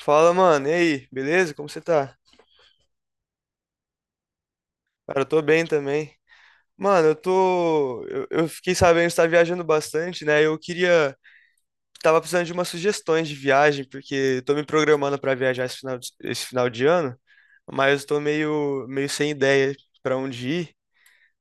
Fala, mano, e aí? Beleza? Como você tá? Cara, eu tô bem também. Mano, eu tô. Eu fiquei sabendo que você tá viajando bastante, né? Eu queria. Tava precisando de umas sugestões de viagem, porque eu tô me programando pra viajar esse final de ano, mas eu tô meio sem ideia pra onde ir.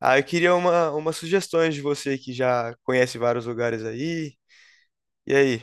Aí eu queria umas sugestões de você que já conhece vários lugares aí. E aí?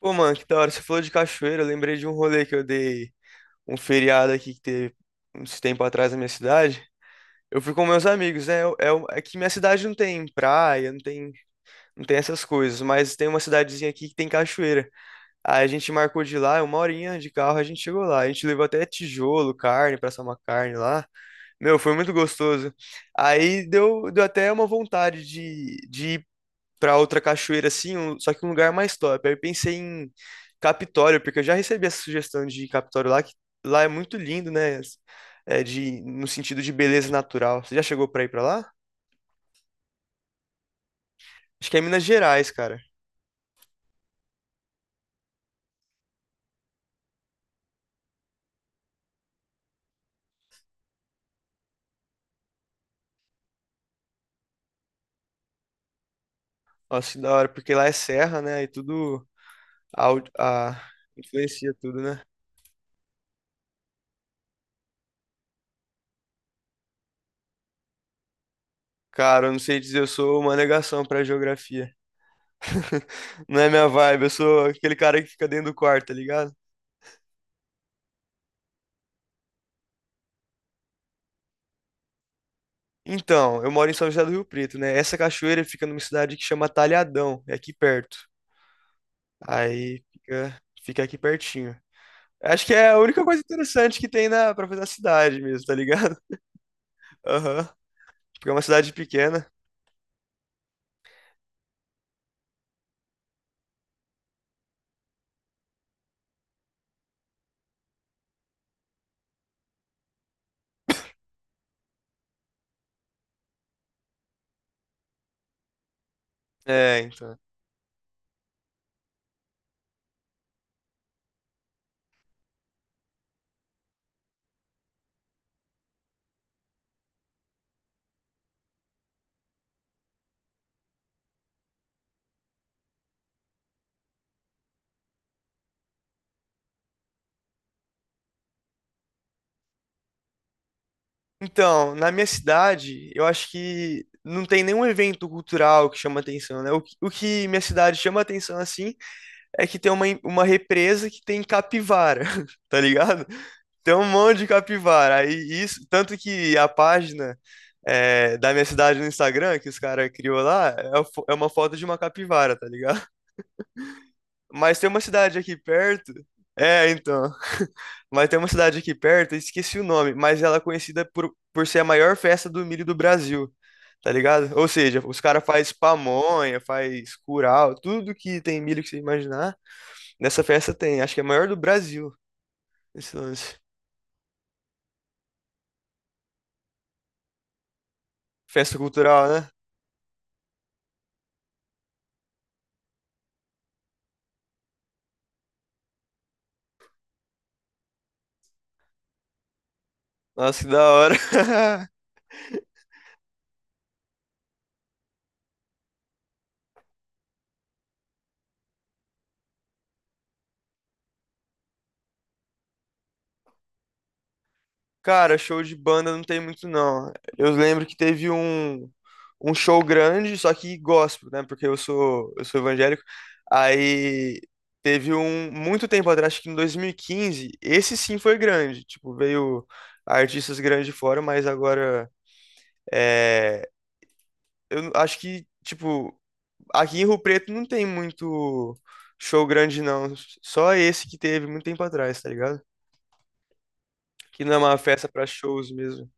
Pô, mano, que da hora. Você falou de cachoeira, eu lembrei de um rolê que eu dei um feriado aqui que teve uns tempo atrás na minha cidade. Eu fui com meus amigos, né? É que minha cidade não tem praia, não tem essas coisas, mas tem uma cidadezinha aqui que tem cachoeira. Aí a gente marcou de ir lá, uma horinha de carro, a gente chegou lá. A gente levou até tijolo, carne, pra assar uma carne lá. Meu, foi muito gostoso. Aí deu até uma vontade de pra outra cachoeira assim, só que um lugar mais top. Aí eu pensei em Capitório, porque eu já recebi essa sugestão de ir em Capitório lá, que lá é muito lindo, né? É de, no sentido de beleza natural. Você já chegou pra ir pra lá? Acho que é Minas Gerais, cara. Nossa, que da hora, porque lá é serra, né? E tudo au- a, influencia tudo, né? Cara, eu não sei dizer, eu sou uma negação pra geografia. Não é minha vibe, eu sou aquele cara que fica dentro do quarto, tá ligado? Então, eu moro em São José do Rio Preto, né? Essa cachoeira fica numa cidade que chama Talhadão, é aqui perto. Aí fica aqui pertinho. Acho que é a única coisa interessante que tem na pra fazer na cidade mesmo, tá ligado? Aham. Porque é uma cidade pequena. É, então. Então, na minha cidade, eu acho que não tem nenhum evento cultural que chama atenção, né? O que minha cidade chama atenção assim é que tem uma represa que tem capivara, tá ligado? Tem um monte de capivara. Aí isso, tanto que a página é, da minha cidade no Instagram, que os caras criou lá, é, a é uma foto de uma capivara, tá ligado? Mas tem uma cidade aqui perto. É, então. Mas tem uma cidade aqui perto, eu esqueci o nome, mas ela é conhecida por ser a maior festa do milho do Brasil, tá ligado? Ou seja, os caras faz pamonha, faz curau, tudo que tem milho que você imaginar. Nessa festa tem, acho que é a maior do Brasil, esse lance. Festa cultural, né? Nossa, que da hora. Cara, show de banda não tem muito, não. Eu lembro que teve um show grande, só que gospel, né? Porque eu sou evangélico. Aí teve um, muito tempo atrás, acho que em 2015, esse sim foi grande. Tipo, veio artistas grandes de fora, mas agora, é, eu acho que, tipo, aqui em Rio Preto não tem muito show grande, não. Só esse que teve muito tempo atrás, tá ligado? Que não é uma festa pra shows mesmo.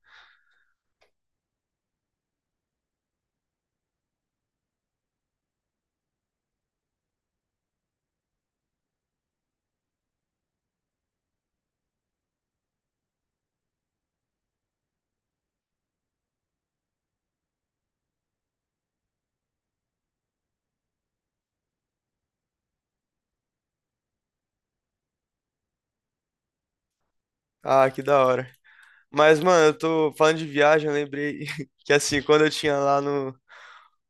Ah, que da hora. Mas, mano, eu tô falando de viagem, eu lembrei que assim, quando eu tinha lá no,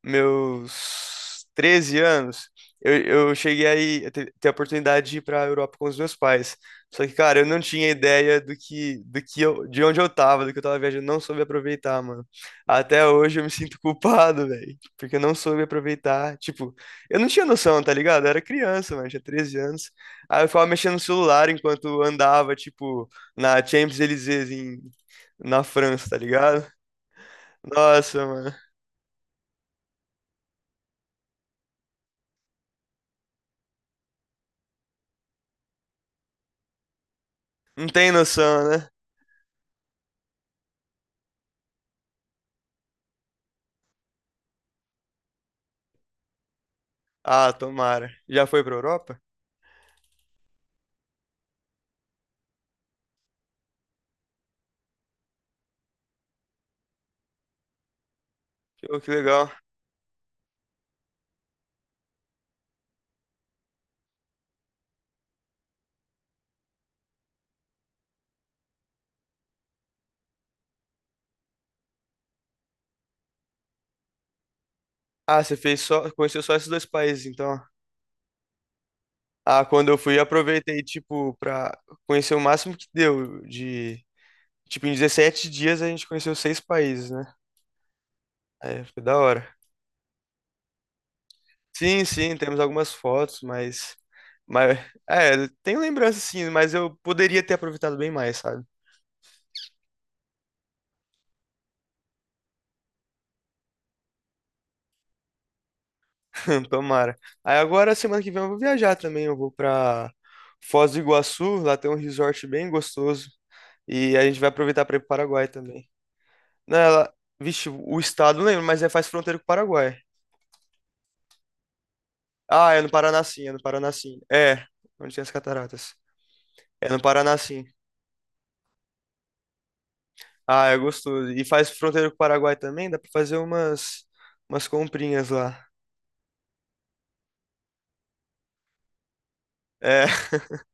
meus 13 anos, eu, eu cheguei aí a ter a oportunidade de ir para a Europa com os meus pais. Só que, cara, eu não tinha ideia do que eu, de onde eu tava, do que eu tava viajando, não soube aproveitar, mano. Até hoje eu me sinto culpado, velho, porque eu não soube aproveitar. Tipo, eu não tinha noção, tá ligado? Eu era criança, mano, eu tinha 13 anos. Aí eu ficava mexendo no celular enquanto andava, tipo, na Champs-Élysées em, na França, tá ligado? Nossa, mano, não tem noção, né? Ah, tomara. Já foi pra Europa? Pô, que legal. Ah, você fez só, conheceu só esses dois países, então. Ah, quando eu fui, aproveitei, tipo, pra conhecer o máximo que deu de, tipo, em 17 dias a gente conheceu seis países, né? É, foi da hora. Sim, sim, temos algumas fotos, mas, é, tenho lembrança sim, mas eu poderia ter aproveitado bem mais, sabe? Tomara. Aí agora, semana que vem eu vou viajar também, eu vou pra Foz do Iguaçu, lá tem um resort bem gostoso. E a gente vai aproveitar para ir pro Paraguai também. Não, ela... Vixe, o estado não lembro, mas é, faz fronteira com o Paraguai. Ah, é no Paraná sim, é no Paraná sim. É, onde tem as cataratas. É no Paraná sim. Ah, é gostoso. E faz fronteira com o Paraguai também, dá pra fazer umas, umas comprinhas lá. É.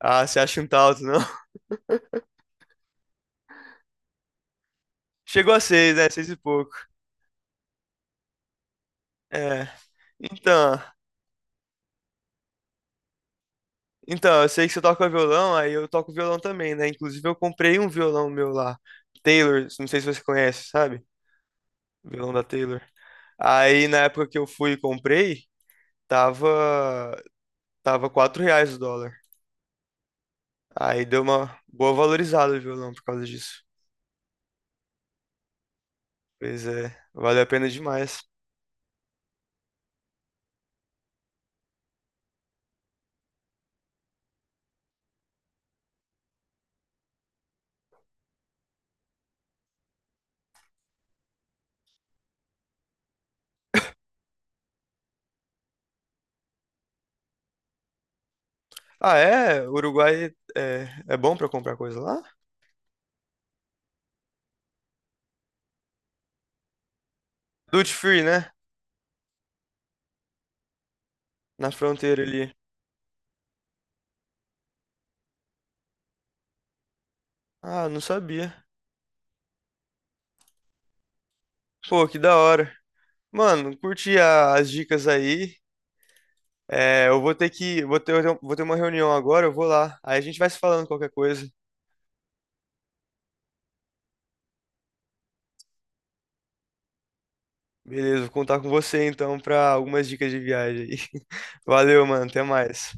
Ah, você acha um talto, não? Chegou a seis, né? Seis e pouco. É. Então, então, eu sei que você toca violão, aí eu toco violão também, né? Inclusive eu comprei um violão meu lá. Taylor, não sei se você conhece, sabe? Vilão da Taylor. Aí na época que eu fui e comprei, tava tava 4 reais o dólar. Aí deu uma boa valorizada o violão por causa disso. Pois é, vale a pena demais. Ah, é? O Uruguai é, é bom pra comprar coisa lá? Duty free, né? Na fronteira ali. Ah, não sabia. Pô, que da hora. Mano, curti as dicas aí. É, eu vou ter que, vou ter uma reunião agora, eu vou lá. Aí a gente vai se falando qualquer coisa. Beleza, vou contar com você então para algumas dicas de viagem aí. Valeu, mano, até mais.